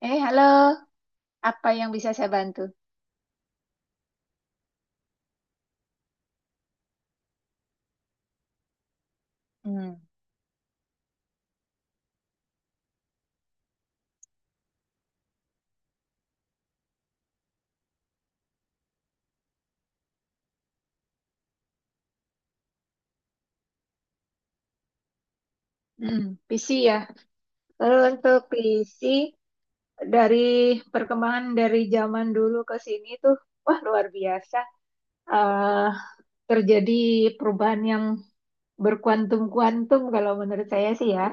Halo. Apa yang bisa saya bantu? Hmm, PC ya. Lalu untuk PC dari perkembangan dari zaman dulu ke sini tuh, wah luar biasa. eh Terjadi perubahan yang berkuantum-kuantum kalau menurut saya sih ya.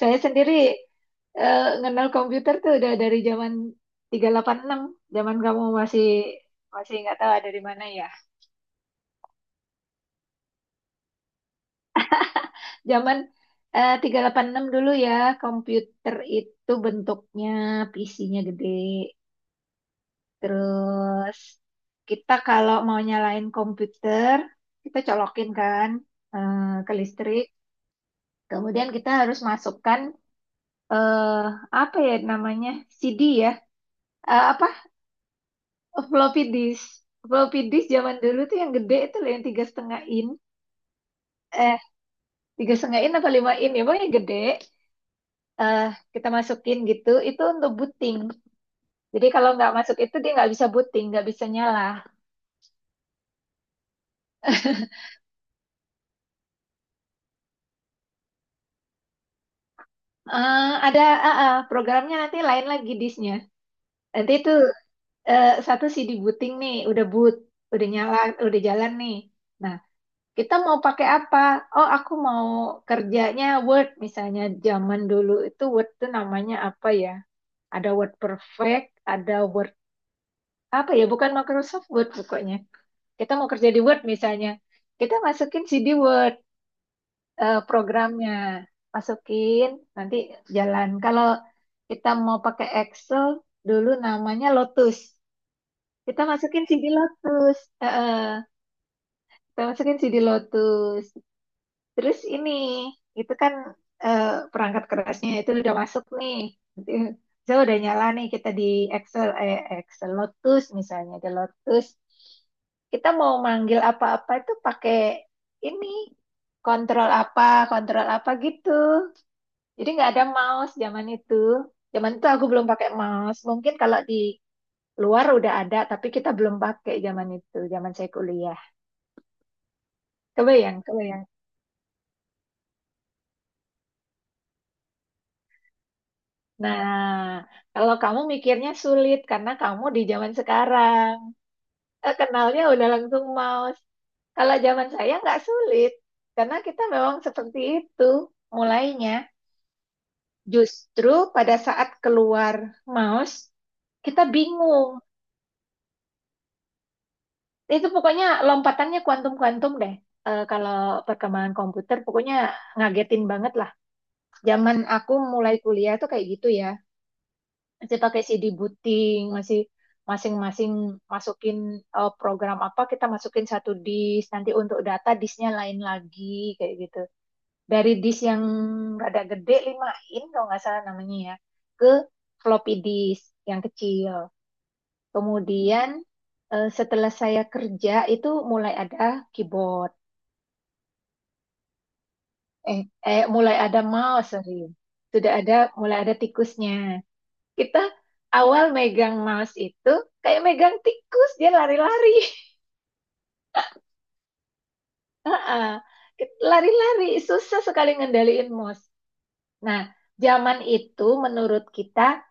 Saya sendiri kenal komputer tuh udah dari zaman 386. Zaman kamu masih masih nggak tahu ada di mana ya. Zaman 386 dulu ya, komputer itu bentuknya PC-nya gede. Terus kita kalau mau nyalain komputer, kita colokin kan, eh, ke listrik. Kemudian kita harus masukkan eh apa ya namanya? CD ya. Eh, apa? Floppy disk. Floppy disk zaman dulu tuh yang gede itu loh, yang 3,5 in. Eh, 3,5 in apa 5 in ya, pokoknya gede. eh Kita masukin gitu itu untuk booting. Jadi kalau nggak masuk itu dia nggak bisa booting, nggak bisa nyala. Ada, programnya nanti lain lagi disknya. Nanti itu satu CD booting nih, udah boot, udah nyala, udah jalan nih. Nah, kita mau pakai apa? Oh, aku mau kerjanya Word misalnya. Zaman dulu itu Word tuh namanya apa ya? Ada Word Perfect, ada Word apa ya? Bukan Microsoft Word pokoknya. Kita mau kerja di Word misalnya. Kita masukin CD Word, programnya. Masukin nanti jalan kalau kita mau pakai Excel, dulu namanya Lotus, kita masukin CD Lotus. Eh, eh, kita masukin CD Lotus terus ini itu kan, eh, perangkat kerasnya itu udah masuk nih. Nanti saya udah nyala nih, kita di Excel, Excel Lotus, misalnya di Lotus kita mau manggil apa-apa itu pakai ini kontrol apa, kontrol apa gitu. Jadi nggak ada mouse zaman itu. Zaman itu aku belum pakai mouse. Mungkin kalau di luar udah ada, tapi kita belum pakai zaman itu, zaman saya kuliah. Kebayang, kebayang. Nah, kalau kamu mikirnya sulit karena kamu di zaman sekarang, kenalnya udah langsung mouse. Kalau zaman saya nggak sulit, karena kita memang seperti itu mulainya. Justru pada saat keluar mouse, kita bingung. Itu pokoknya lompatannya kuantum-kuantum deh. Kalau perkembangan komputer pokoknya ngagetin banget lah. Zaman aku mulai kuliah tuh kayak gitu ya. Masih pakai CD booting, masih masing-masing masukin program apa, kita masukin satu disk, nanti untuk data disknya lain lagi kayak gitu. Dari disk yang rada gede 5 in kalau nggak salah namanya ya, ke floppy disk yang kecil. Kemudian setelah saya kerja itu mulai ada keyboard. Eh, mulai ada mouse, sorry. Sudah ada, mulai ada tikusnya. Kita awal megang mouse itu kayak megang tikus, dia lari-lari. Heeh. Lari-lari, susah sekali ngendaliin mouse. Nah, zaman itu menurut kita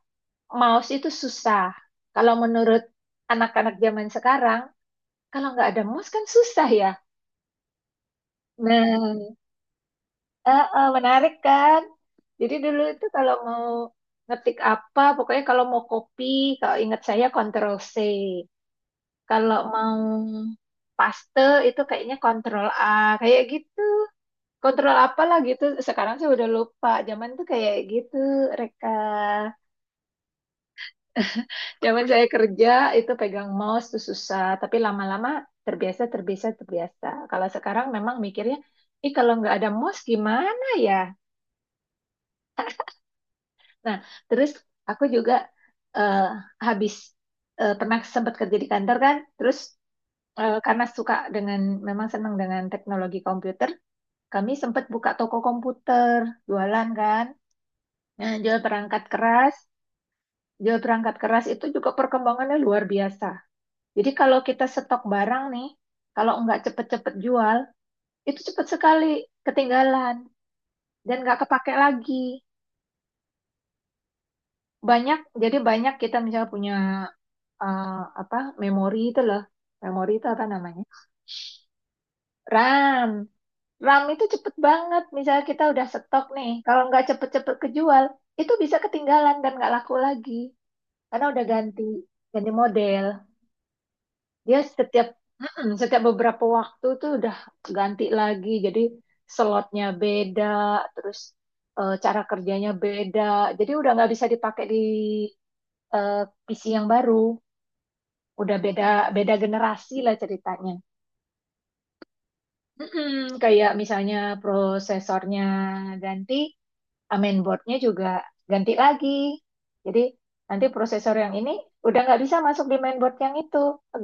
mouse itu susah. Kalau menurut anak-anak zaman sekarang, kalau nggak ada mouse kan susah ya. Nah, menarik kan? Jadi dulu itu kalau mau ngetik apa, pokoknya kalau mau copy, kalau ingat saya Ctrl C. Kalau mau paste itu kayaknya Ctrl A, kayak gitu. Ctrl apalah gitu. Sekarang saya udah lupa. Zaman tuh kayak gitu, Reka. Zaman saya kerja itu pegang mouse tuh susah, tapi lama-lama terbiasa, terbiasa, terbiasa. Kalau sekarang memang mikirnya, ih kalau nggak ada mouse gimana ya? Nah, terus aku juga eh, habis pernah sempat kerja di kantor kan, terus karena suka dengan, memang senang dengan teknologi komputer, kami sempat buka toko komputer, jualan kan. Nah, jual perangkat keras itu juga perkembangannya luar biasa. Jadi kalau kita stok barang nih, kalau nggak cepet-cepet jual, itu cepet sekali ketinggalan dan nggak kepake lagi. Banyak, jadi banyak kita misalnya punya eh, apa memori itu loh, memori itu apa namanya, RAM. RAM itu cepet banget, misalnya kita udah stok nih kalau nggak cepet-cepet kejual itu bisa ketinggalan dan nggak laku lagi karena udah ganti, ganti model. Dia setiap setiap beberapa waktu tuh udah ganti lagi, jadi slotnya beda, terus cara kerjanya beda, jadi udah nggak bisa dipakai di eh, PC yang baru. Udah beda, beda generasi lah ceritanya. Mm-mm, kayak misalnya prosesornya ganti, main boardnya juga ganti lagi. Jadi nanti prosesor yang ini udah nggak bisa masuk di mainboard yang itu,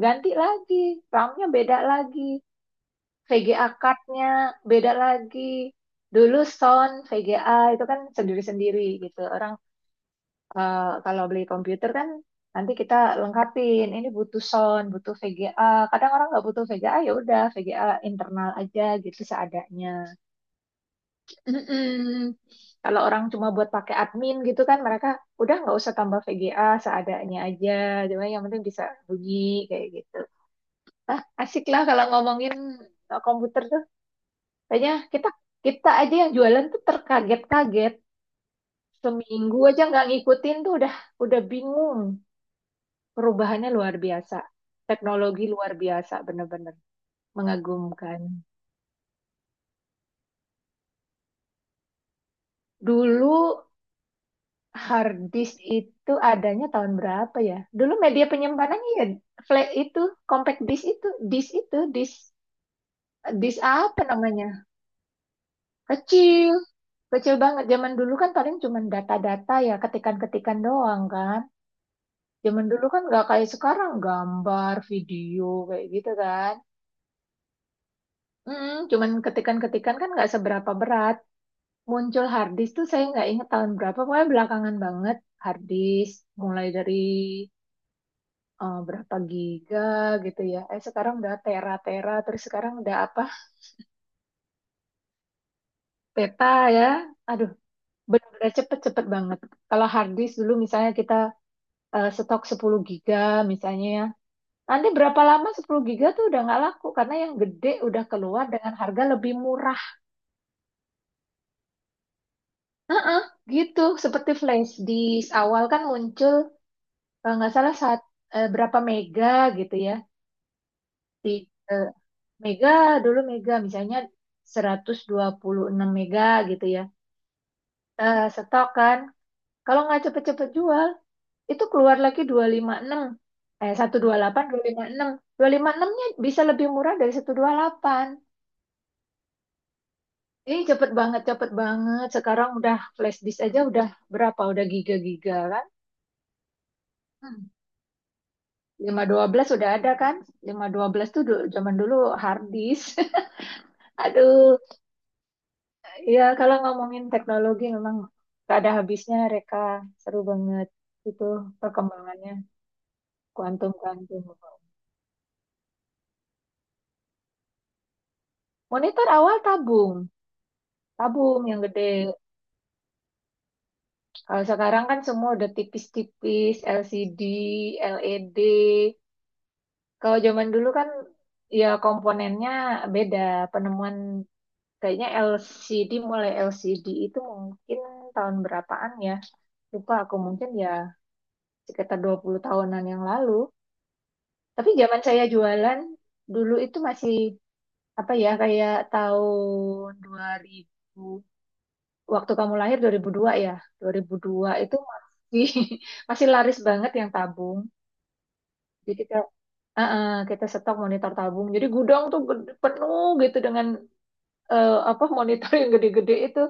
ganti lagi, RAM-nya beda lagi, VGA card-nya beda lagi. Dulu sound VGA itu kan sendiri-sendiri gitu. Orang kalau beli komputer kan nanti kita lengkapin, ini butuh sound, butuh VGA. Kadang orang nggak butuh VGA, ya udah VGA internal aja gitu seadanya. Mm-mm. Kalau orang cuma buat pakai admin gitu kan mereka udah nggak usah tambah VGA, seadanya aja, cuma yang penting bisa bunyi kayak gitu. Ah, asik lah kalau ngomongin komputer tuh. Kayaknya kita kita aja yang jualan tuh terkaget-kaget. Seminggu aja nggak ngikutin tuh udah bingung. Perubahannya luar biasa. Teknologi luar biasa bener-bener mengagumkan. Dulu hard disk itu adanya tahun berapa ya? Dulu media penyimpanannya ya flash itu, compact disk itu, disk itu, disk disk apa namanya? Kecil, kecil banget. Zaman dulu kan paling cuma data-data ya, ketikan-ketikan doang kan. Zaman dulu kan nggak kayak sekarang gambar, video kayak gitu kan. Cuman ketikan-ketikan kan nggak seberapa berat. Muncul hard disk tuh saya nggak inget tahun berapa, pokoknya belakangan banget. Hard disk mulai dari berapa giga gitu ya. Eh sekarang udah tera-tera, terus sekarang udah apa? Peta ya. Aduh, benar-benar cepet-cepet banget. Kalau hard disk dulu misalnya kita stok 10 giga misalnya ya. Nanti berapa lama 10 giga tuh udah nggak laku karena yang gede udah keluar dengan harga lebih murah gitu. Seperti flash disk awal kan muncul kalau nggak salah saat berapa mega gitu ya. Di eh, mega, dulu mega misalnya 126 mega gitu ya. Nah, stok kan. Kalau nggak cepet-cepet jual, itu keluar lagi 256. Eh, 128, 256. 256-nya bisa lebih murah dari 128. Ini cepet banget, cepet banget. Sekarang udah flash disk aja udah berapa? Udah giga-giga kan? Hmm. 512 udah ada kan? 512 tuh zaman dulu hard disk. Aduh, ya kalau ngomongin teknologi memang gak ada habisnya, Reka. Seru banget itu perkembangannya kuantum-kuantum. Monitor awal tabung, tabung yang gede. Kalau sekarang kan semua udah tipis-tipis, LCD, LED. Kalau zaman dulu kan ya komponennya beda. Penemuan kayaknya LCD, mulai LCD itu mungkin tahun berapaan ya? Lupa aku, mungkin ya sekitar 20 tahunan yang lalu. Tapi zaman saya jualan dulu itu masih apa ya, kayak tahun 2000. Waktu kamu lahir 2002 ya. 2002 itu masih masih laris banget yang tabung. Jadi kita stok monitor tabung. Jadi gudang tuh penuh gitu dengan apa monitor yang gede-gede itu.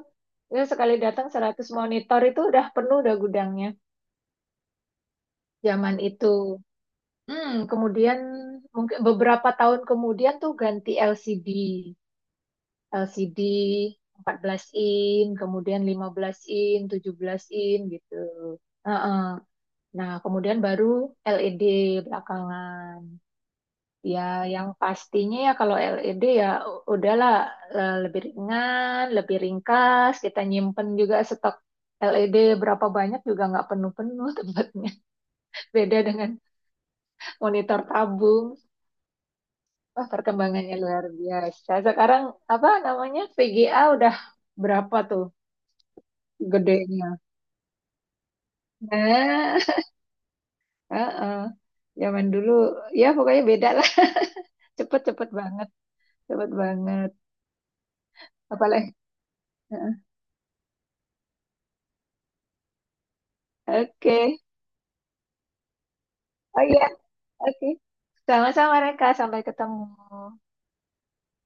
Ya sekali datang 100 monitor itu udah penuh, udah gudangnya zaman itu. Kemudian mungkin beberapa tahun kemudian tuh ganti LCD. LCD belas in, kemudian 15 in, 17 in gitu. Heeh. Nah, kemudian baru LED belakangan. Ya, yang pastinya ya kalau LED ya udahlah, lebih ringan, lebih ringkas. Kita nyimpen juga stok LED berapa banyak juga nggak penuh-penuh tempatnya. Beda dengan monitor tabung. Wah, perkembangannya luar biasa. Sekarang apa namanya VGA udah berapa tuh gedenya? Nah, heeh. Zaman dulu ya pokoknya beda lah. Cepet-cepet banget. Cepet banget. Apalagi. Heeh. Oke. Oh iya, oke. Sama-sama Reka, sampai ketemu.